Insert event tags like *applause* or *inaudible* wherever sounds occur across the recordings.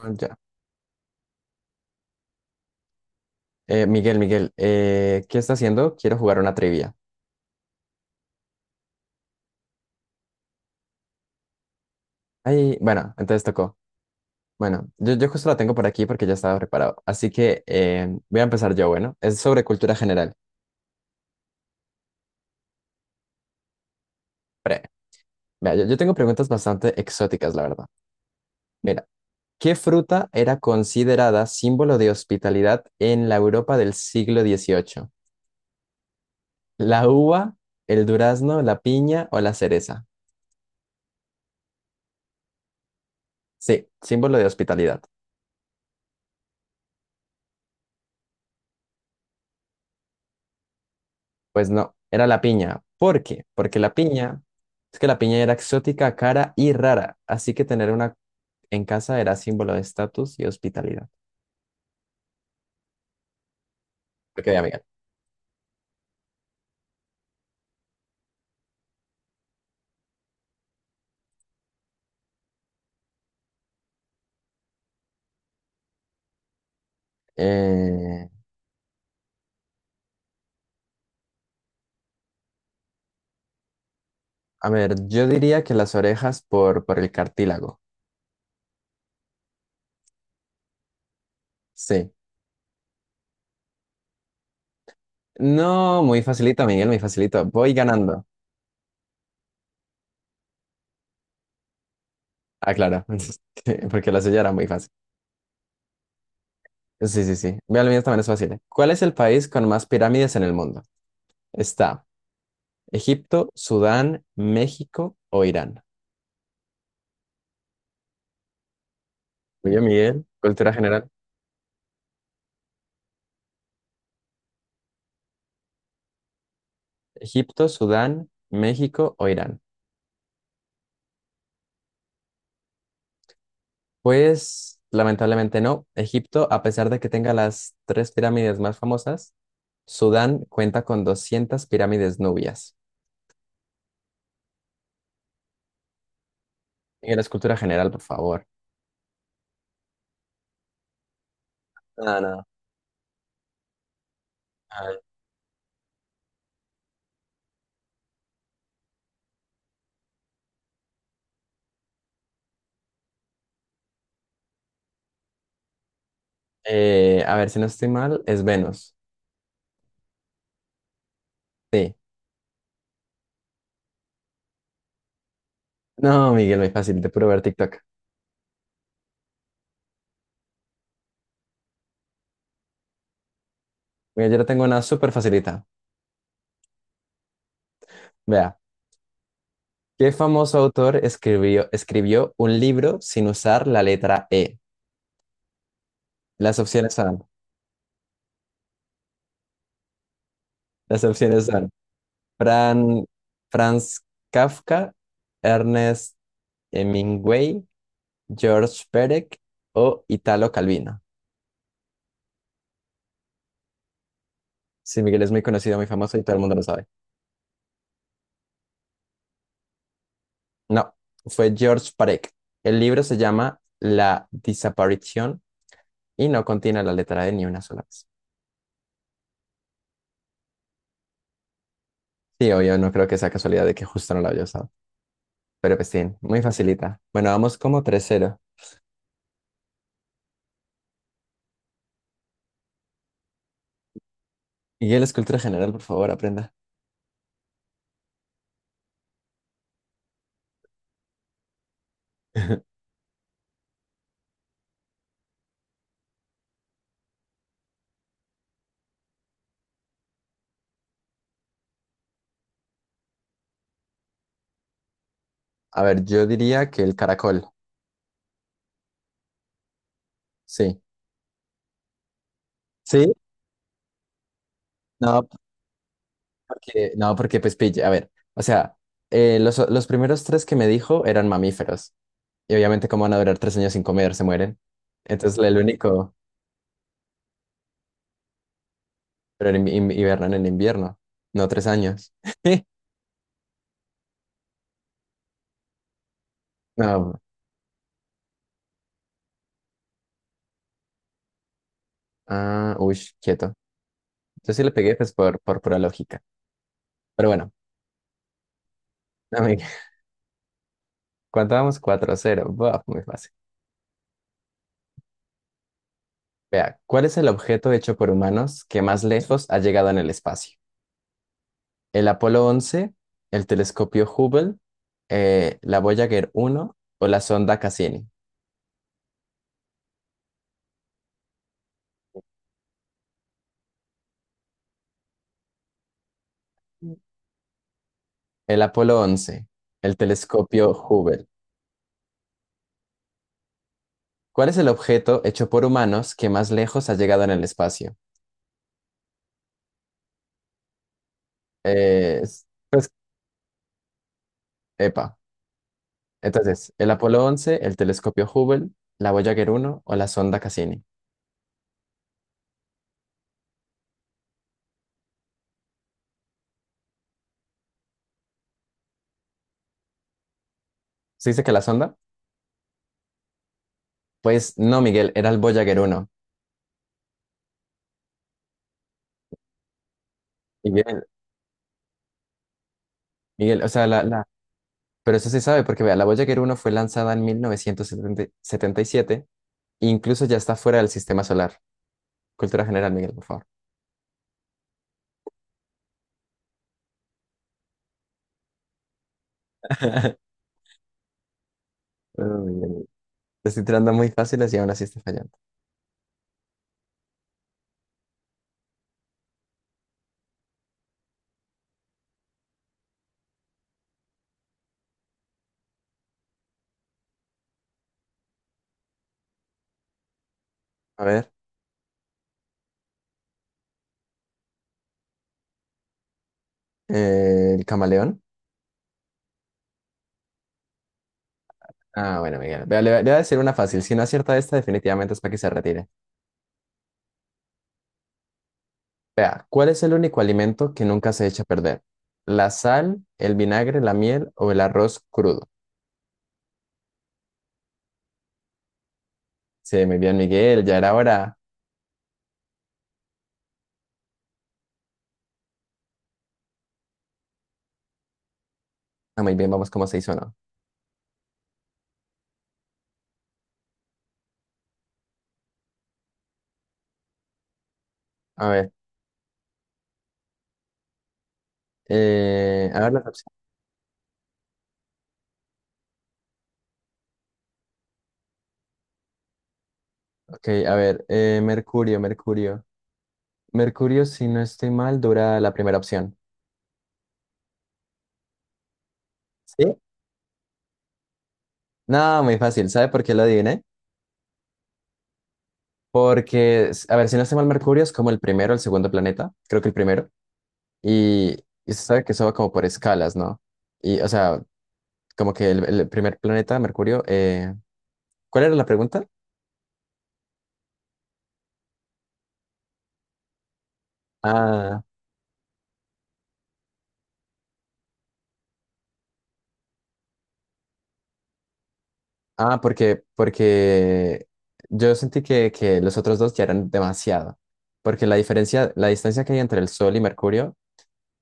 Ya. Miguel, ¿qué está haciendo? Quiero jugar una trivia. Ay, bueno, entonces tocó. Bueno, yo justo la tengo por aquí porque ya estaba preparado. Así que voy a empezar yo, bueno. Es sobre cultura general. Pre. Vea, yo tengo preguntas bastante exóticas, la verdad. Mira, ¿qué fruta era considerada símbolo de hospitalidad en la Europa del siglo XVIII? ¿La uva, el durazno, la piña o la cereza? Sí, símbolo de hospitalidad. Pues no, era la piña. ¿Por qué? Porque la piña, es que la piña era exótica, cara y rara, así que tener una en casa era símbolo de estatus y hospitalidad. Ok, amiga. Eh, a ver, yo diría que las orejas por el cartílago. Sí. No, muy facilito, Miguel, muy facilito. Voy ganando. Ah, claro, *laughs* porque la suya era muy fácil. Sí, sí, sí. Vea, la mía también es fácil. ¿Eh? ¿Cuál es el país con más pirámides en el mundo? Está Egipto, Sudán, México o Irán. Muy bien, Miguel, cultura general. ¿Egipto, Sudán, México o Irán? Pues lamentablemente no. Egipto, a pesar de que tenga las tres pirámides más famosas, Sudán cuenta con 200 pirámides nubias. Miguel, es cultura general, por favor. No, no. Ah, a ver, si no estoy mal, es Venus. Sí. No, Miguel, muy fácil, de puro ver TikTok. Mira, yo le tengo una súper facilita. Vea, ¿qué famoso autor escribió un libro sin usar la letra E? Las opciones son Las opciones son Fran, Franz Kafka, Ernest Hemingway, George Perec o Italo Calvino. Sí, Miguel es muy conocido, muy famoso y todo el mundo lo sabe. No, fue George Perec. El libro se llama La desaparición y no contiene la letra de ni una sola vez. Sí, obvio, no creo que sea casualidad de que justo no lo haya usado. Pero pues sí, muy facilita. Bueno, vamos como tres cero. Miguel, es cultura general, por favor, aprenda. *laughs* A ver, yo diría que el caracol. Sí. ¿Sí? No, porque, no, porque pues pille, a ver, o sea, los primeros tres que me dijo eran mamíferos. Y obviamente, ¿cómo van a durar tres años sin comer? Se mueren. Entonces, el único, pero en hibernan en invierno, no tres años. *laughs* No, ah, uy, quieto. Yo sí le pegué, pues, por pura lógica. Pero bueno, amiga, *laughs* ¿cuánto vamos? Cuatro a cero. Buah, muy fácil. Vea, ¿cuál es el objeto hecho por humanos que más lejos ha llegado en el espacio? ¿El Apolo once, el telescopio Hubble, la Voyager uno o la sonda Cassini? El Apolo once, el telescopio Hubble. ¿Cuál es el objeto hecho por humanos que más lejos ha llegado en el espacio? Pues epa. Entonces, el Apolo once, el telescopio Hubble, la Voyager uno o la sonda Cassini. ¿Se dice que la sonda? Pues no, Miguel, era el Voyager uno. Miguel, Miguel, o sea, la. Pero eso se sabe porque, vea, la Voyager uno fue lanzada en mil novecientos setenta y siete. Incluso ya está fuera del sistema solar. Cultura general, Miguel, por favor. *laughs* Uy, uy, te estoy tirando muy fáciles y aún así está fallando. A ver, el camaleón. Ah, bueno, Miguel. Vea, le voy a decir una fácil. Si no acierta esta, definitivamente es para que se retire. Vea, ¿cuál es el único alimento que nunca se echa a perder? ¿La sal, el vinagre, la miel o el arroz crudo? Sí, muy bien, Miguel. Ya era hora. Ah, muy bien, vamos como se hizo, ¿no? A ver, a ver las opciones. Ok, a ver, mercurio. Mercurio, si no estoy mal, dura la primera opción. ¿Sí? No, muy fácil. ¿Sabe por qué lo adiviné? Porque, a ver, si no estoy mal, Mercurio es como el primero, el segundo planeta, creo que el primero, y, y se sabe que eso va como por escalas, ¿no? Y, o sea, como que el primer planeta, Mercurio, ¿cuál era la pregunta? Ah, porque yo sentí que los otros dos ya eran demasiado, porque la diferencia, la distancia que hay entre el Sol y Mercurio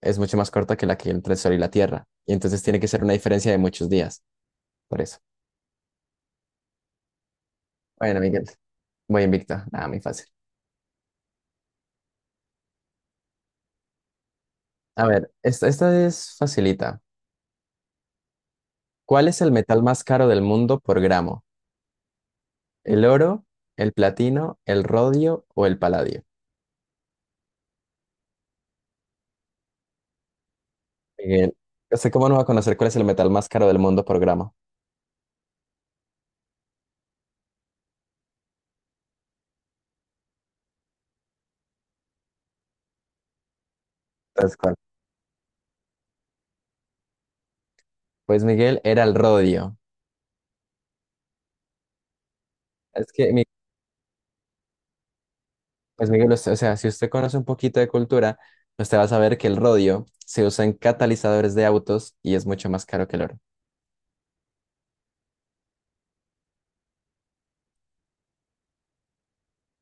es mucho más corta que la que hay entre el Sol y la Tierra. Y entonces tiene que ser una diferencia de muchos días, por eso. Bueno, Miguel, voy invicto. Nada, muy fácil. A ver, esta es facilita. ¿Cuál es el metal más caro del mundo por gramo? ¿El oro, el platino, el rodio o el paladio? Miguel, no sé cómo no va a conocer cuál es el metal más caro del mundo por gramo. Entonces, ¿cuál? Pues Miguel era el rodio. Es que, pues Miguel, usted... o sea, si usted conoce un poquito de cultura, usted va a saber que el rodio se usa en catalizadores de autos y es mucho más caro que el oro.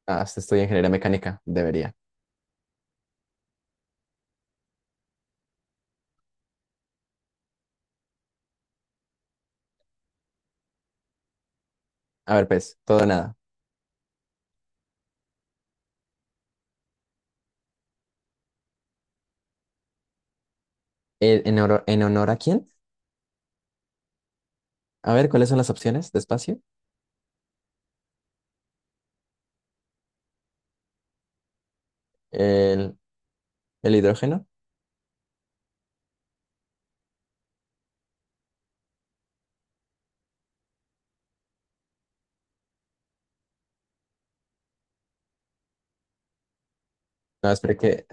Ah, usted estudia ingeniería mecánica, debería. A ver, pues, todo o nada. ¿ En honor a quién? A ver, ¿cuáles son las opciones de espacio? ¿El, el hidrógeno? No, espere que...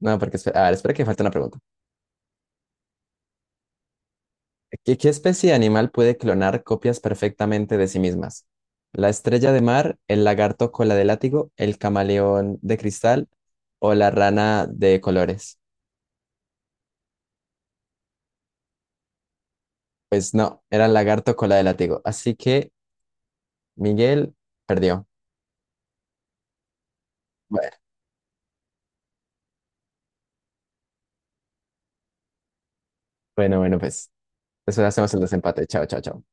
No, porque... A ver, espere que falta una pregunta. ¿Qué especie de animal puede clonar copias perfectamente de sí mismas? ¿La estrella de mar, el lagarto cola de látigo, el camaleón de cristal o la rana de colores? Pues no, era el lagarto cola de látigo. Así que Miguel perdió. Bueno, bueno, pues eso hacemos el desempate. Chao, chao, chao.